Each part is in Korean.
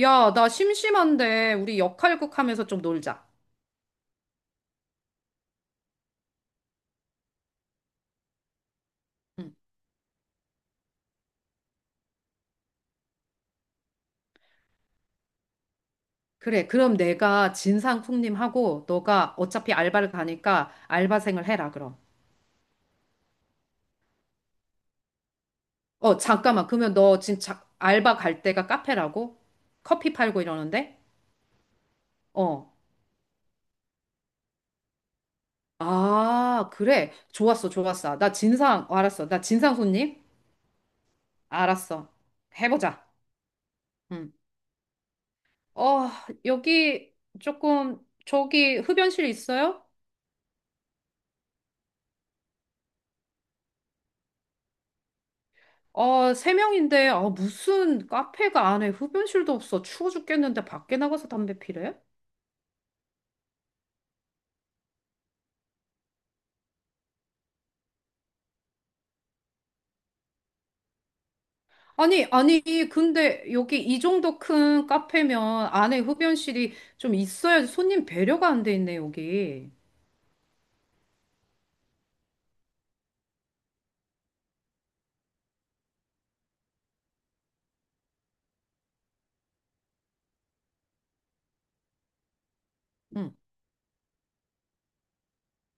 야, 나 심심한데 우리 역할극 하면서 좀 놀자. 응. 그래, 그럼 내가 진상쿵님하고 너가 어차피 알바를 가니까 알바생을 해라, 그럼. 잠깐만. 그러면 너 진짜 알바 갈 데가 카페라고? 커피 팔고 이러는데? 어. 아, 그래. 좋았어, 좋았어. 나 진상, 알았어. 나 진상손님? 알았어. 해보자. 응. 어, 여기 조금, 저기 흡연실 있어요? 아, 세 명인데, 아, 무슨 카페가 안에 흡연실도 없어. 추워 죽겠는데 밖에 나가서 담배 피래? 아니, 아니, 근데 여기 이 정도 큰 카페면 안에 흡연실이 좀 있어야지 손님 배려가 안 돼 있네, 여기. 응.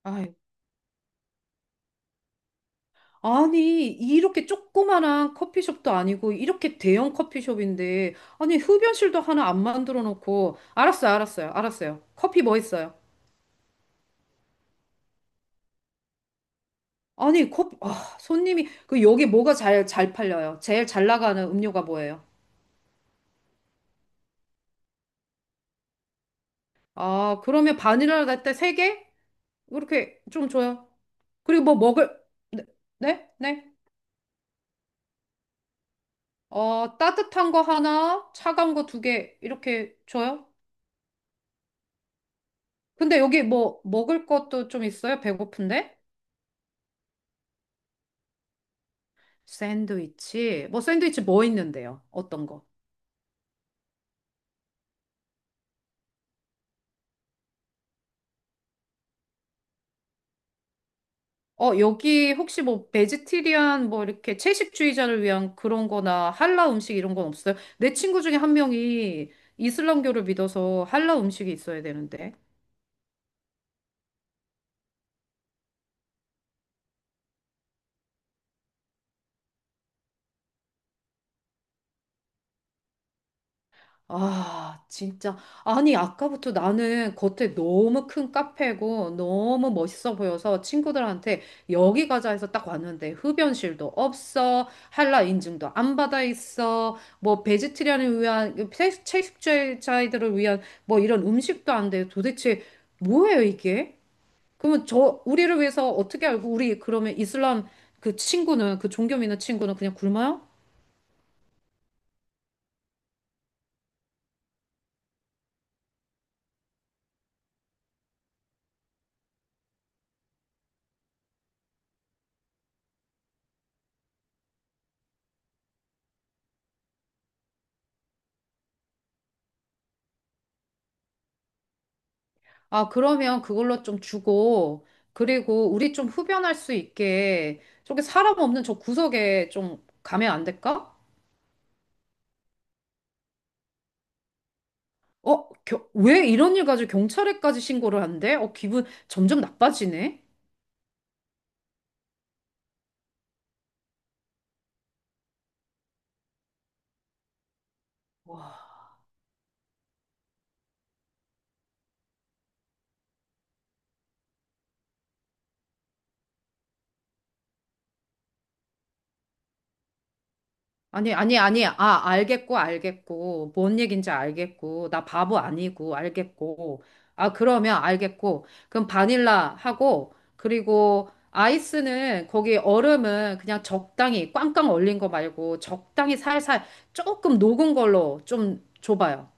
아이, 아니, 이렇게 조그만한 커피숍도 아니고, 이렇게 대형 커피숍인데, 아니, 흡연실도 하나 안 만들어 놓고, 알았어요, 알았어요, 알았어요. 커피 뭐 있어요? 아니, 컵, 아, 손님이, 여기 뭐가 잘 팔려요? 제일 잘 나가는 음료가 뭐예요? 아, 그러면 바닐라 라떼 세개 이렇게 좀 줘요. 그리고 뭐 먹을, 네? 네? 네? 어, 따뜻한 거 하나, 차가운 거 두 개, 이렇게 줘요? 근데 여기 뭐, 먹을 것도 좀 있어요? 배고픈데? 샌드위치? 뭐, 샌드위치 뭐 있는데요? 어떤 거? 여기 혹시 뭐 베지테리안 뭐 이렇게 채식주의자를 위한 그런 거나 할라 음식 이런 건 없어요? 내 친구 중에 한 명이 이슬람교를 믿어서 할라 음식이 있어야 되는데. 아, 진짜. 아니, 아까부터 나는 겉에 너무 큰 카페고 너무 멋있어 보여서 친구들한테 여기 가자 해서 딱 왔는데 흡연실도 없어, 한라 인증도 안 받아 있어, 뭐 베지테리안을 위한, 채식주의자들을 위한 뭐 이런 음식도 안 돼. 도대체 뭐예요, 이게? 그러면 저, 우리를 위해서 어떻게 알고 우리 그러면 이슬람 그 친구는, 그 종교 믿는 친구는 그냥 굶어요? 아, 그러면 그걸로 좀 주고, 그리고 우리 좀 흡연할 수 있게, 저기 사람 없는 저 구석에 좀 가면 안 될까? 왜 이런 일 가지고 경찰에까지 신고를 한대? 기분 점점 나빠지네? 아니, 아니, 아니. 아, 알겠고, 알겠고. 뭔 얘긴지 알겠고. 나 바보 아니고, 알겠고. 아, 그러면 알겠고. 그럼 바닐라 하고, 그리고 아이스는 거기 얼음은 그냥 적당히, 꽝꽝 얼린 거 말고, 적당히 살살 조금 녹은 걸로 좀 줘봐요.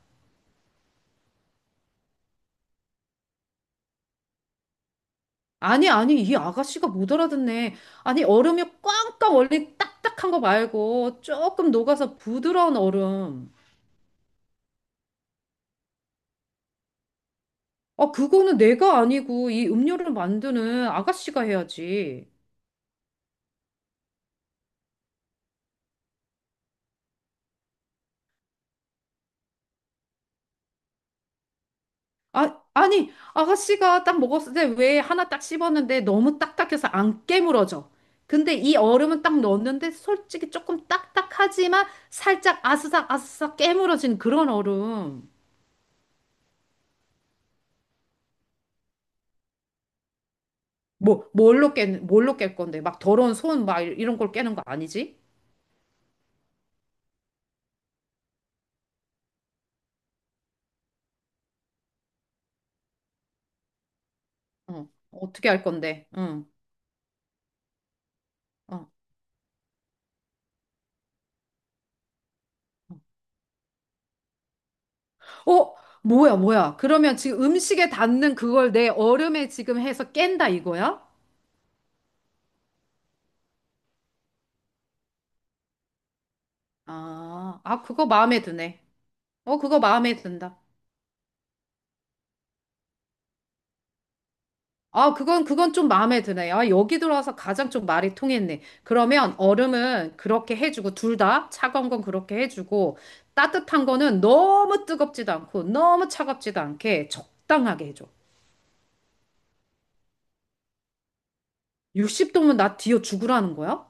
아니, 아니. 이 아가씨가 못 알아듣네. 아니, 얼음이 꽝꽝 얼린 딱딱한 거 말고, 조금 녹아서 부드러운 얼음. 아, 그거는 내가 아니고 이 음료를 만드는 아가씨가 해야지. 아, 아니, 아가씨가 딱 먹었을 때 왜 하나 딱 씹었는데 너무 딱딱해서 안 깨물어져. 근데 이 얼음은 딱 넣었는데 솔직히 조금 딱딱하지만 살짝 아스삭 아스삭 깨물어진 그런 얼음. 뭐, 뭘로 깰 건데? 막 더러운 손 막 이런 걸 깨는 거 아니지? 어, 어떻게 할 건데? 응. 어. 어, 뭐야, 뭐야. 그러면 지금 음식에 닿는 그걸 내 얼음에 지금 해서 깬다 이거야? 아, 아, 그거 마음에 드네. 어, 그거 마음에 든다. 아, 그건 좀 마음에 드네. 아, 여기 들어와서 가장 좀 말이 통했네. 그러면 얼음은 그렇게 해주고, 둘 다 차가운 건 그렇게 해주고, 따뜻한 거는 너무 뜨겁지도 않고, 너무 차갑지도 않게 적당하게 해줘. 60도면 나 뒤어 죽으라는 거야?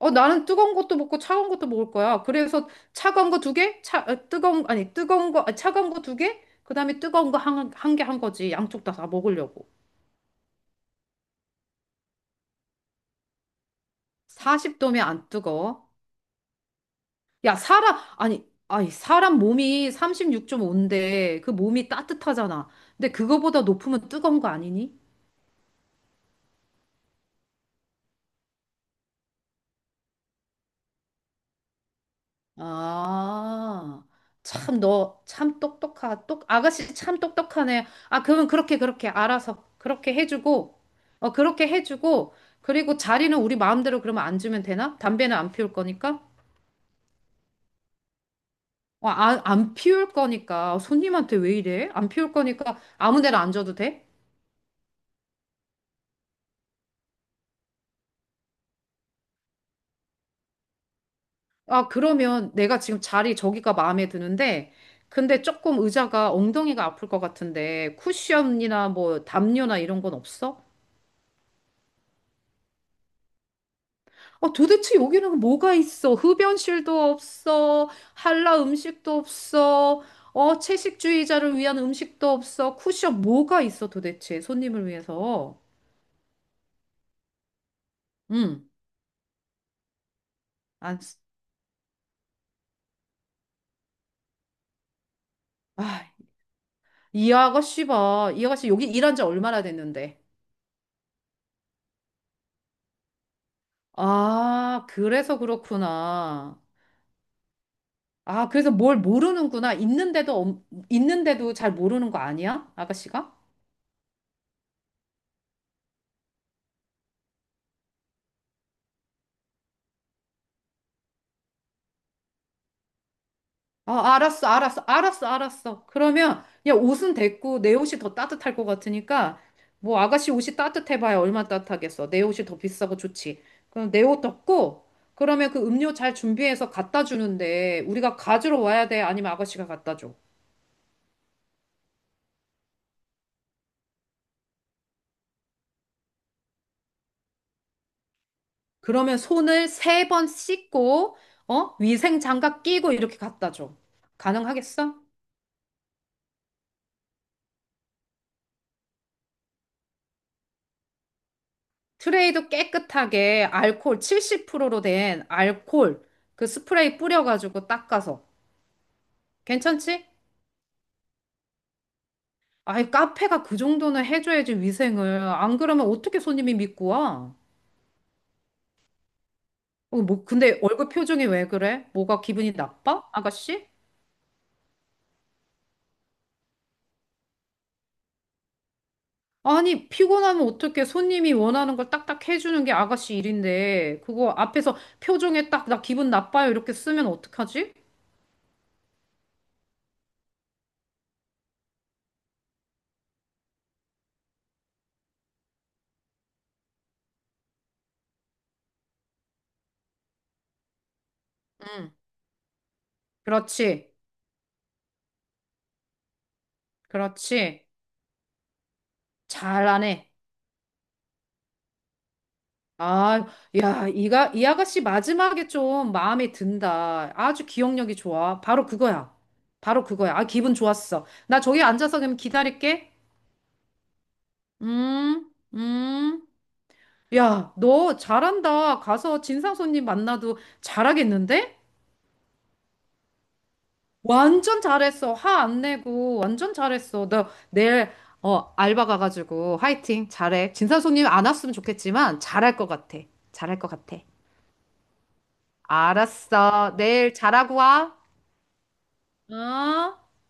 어, 나는 뜨거운 것도 먹고 차가운 것도 먹을 거야. 그래서 차가운 거 두 개, 차, 뜨거운, 아니, 뜨거운 거, 아, 차가운 거 두 개, 그 다음에 뜨거운 거 한 개 한 거지. 양쪽 다, 먹으려고. 40도면 안 뜨거워. 야, 사람, 아니, 아니, 사람 몸이 36.5인데 그 몸이 따뜻하잖아. 근데 그거보다 높으면 뜨거운 거 아니니? 아, 참, 너, 참 아가씨 참 똑똑하네. 아, 그러면 그렇게, 그렇게, 알아서, 그렇게 해주고, 그렇게 해주고, 그리고 자리는 우리 마음대로 그러면 안 주면 되나? 담배는 안 피울 거니까? 어, 아, 안 피울 거니까. 손님한테 왜 이래? 안 피울 거니까 아무 데나 안 줘도 돼? 아, 그러면 내가 지금 자리 저기가 마음에 드는데, 근데 조금 의자가 엉덩이가 아플 것 같은데, 쿠션이나 뭐 담요나 이런 건 없어? 도대체 여기는 뭐가 있어? 흡연실도 없어. 한라 음식도 없어. 채식주의자를 위한 음식도 없어. 쿠션 뭐가 있어 도대체? 손님을 위해서. 음. 안, 쓰- 아, 이 아가씨 봐. 이 아가씨 여기 일한 지 얼마나 됐는데. 아, 그래서 그렇구나. 아, 그래서 뭘 모르는구나. 있는데도 잘 모르는 거 아니야? 아가씨가? 아, 알았어, 알았어, 알았어, 알았어. 그러면 야, 옷은 됐고 내 옷이 더 따뜻할 것 같으니까 뭐 아가씨 옷이 따뜻해봐야 얼마 따뜻하겠어. 내 옷이 더 비싸고 좋지. 그럼 내 옷 덮고 그러면 그 음료 잘 준비해서 갖다 주는데 우리가 가지러 와야 돼? 아니면 아가씨가 갖다 줘? 그러면 손을 세 번 씻고 어? 위생 장갑 끼고 이렇게 갖다 줘. 가능하겠어? 트레이도 깨끗하게 알코올 70%로 된 알코올 그 스프레이 뿌려가지고 닦아서 괜찮지? 아이, 카페가 그 정도는 해줘야지 위생을. 안 그러면 어떻게 손님이 믿고 와? 뭐, 근데 얼굴 표정이 왜 그래? 뭐가 기분이 나빠? 아가씨? 아니, 피곤하면 어떻게 손님이 원하는 걸 딱딱 해주는 게 아가씨 일인데, 그거 앞에서 표정에 딱, 나 기분 나빠요. 이렇게 쓰면 어떡하지? 응. 그렇지. 그렇지. 잘하네. 아, 야, 이 아가씨 마지막에 좀 마음에 든다. 아주 기억력이 좋아. 바로 그거야. 바로 그거야. 아, 기분 좋았어. 나 저기 앉아서 그럼 기다릴게. 음, 음. 야, 너 잘한다. 가서 진상 손님 만나도 잘하겠는데? 완전 잘했어. 화 안 내고. 완전 잘했어. 너 내일, 알바 가가지고 화이팅. 잘해. 진상 손님 안 왔으면 좋겠지만 잘할 것 같아. 잘할 것 같아. 알았어. 내일 잘하고 와. 어?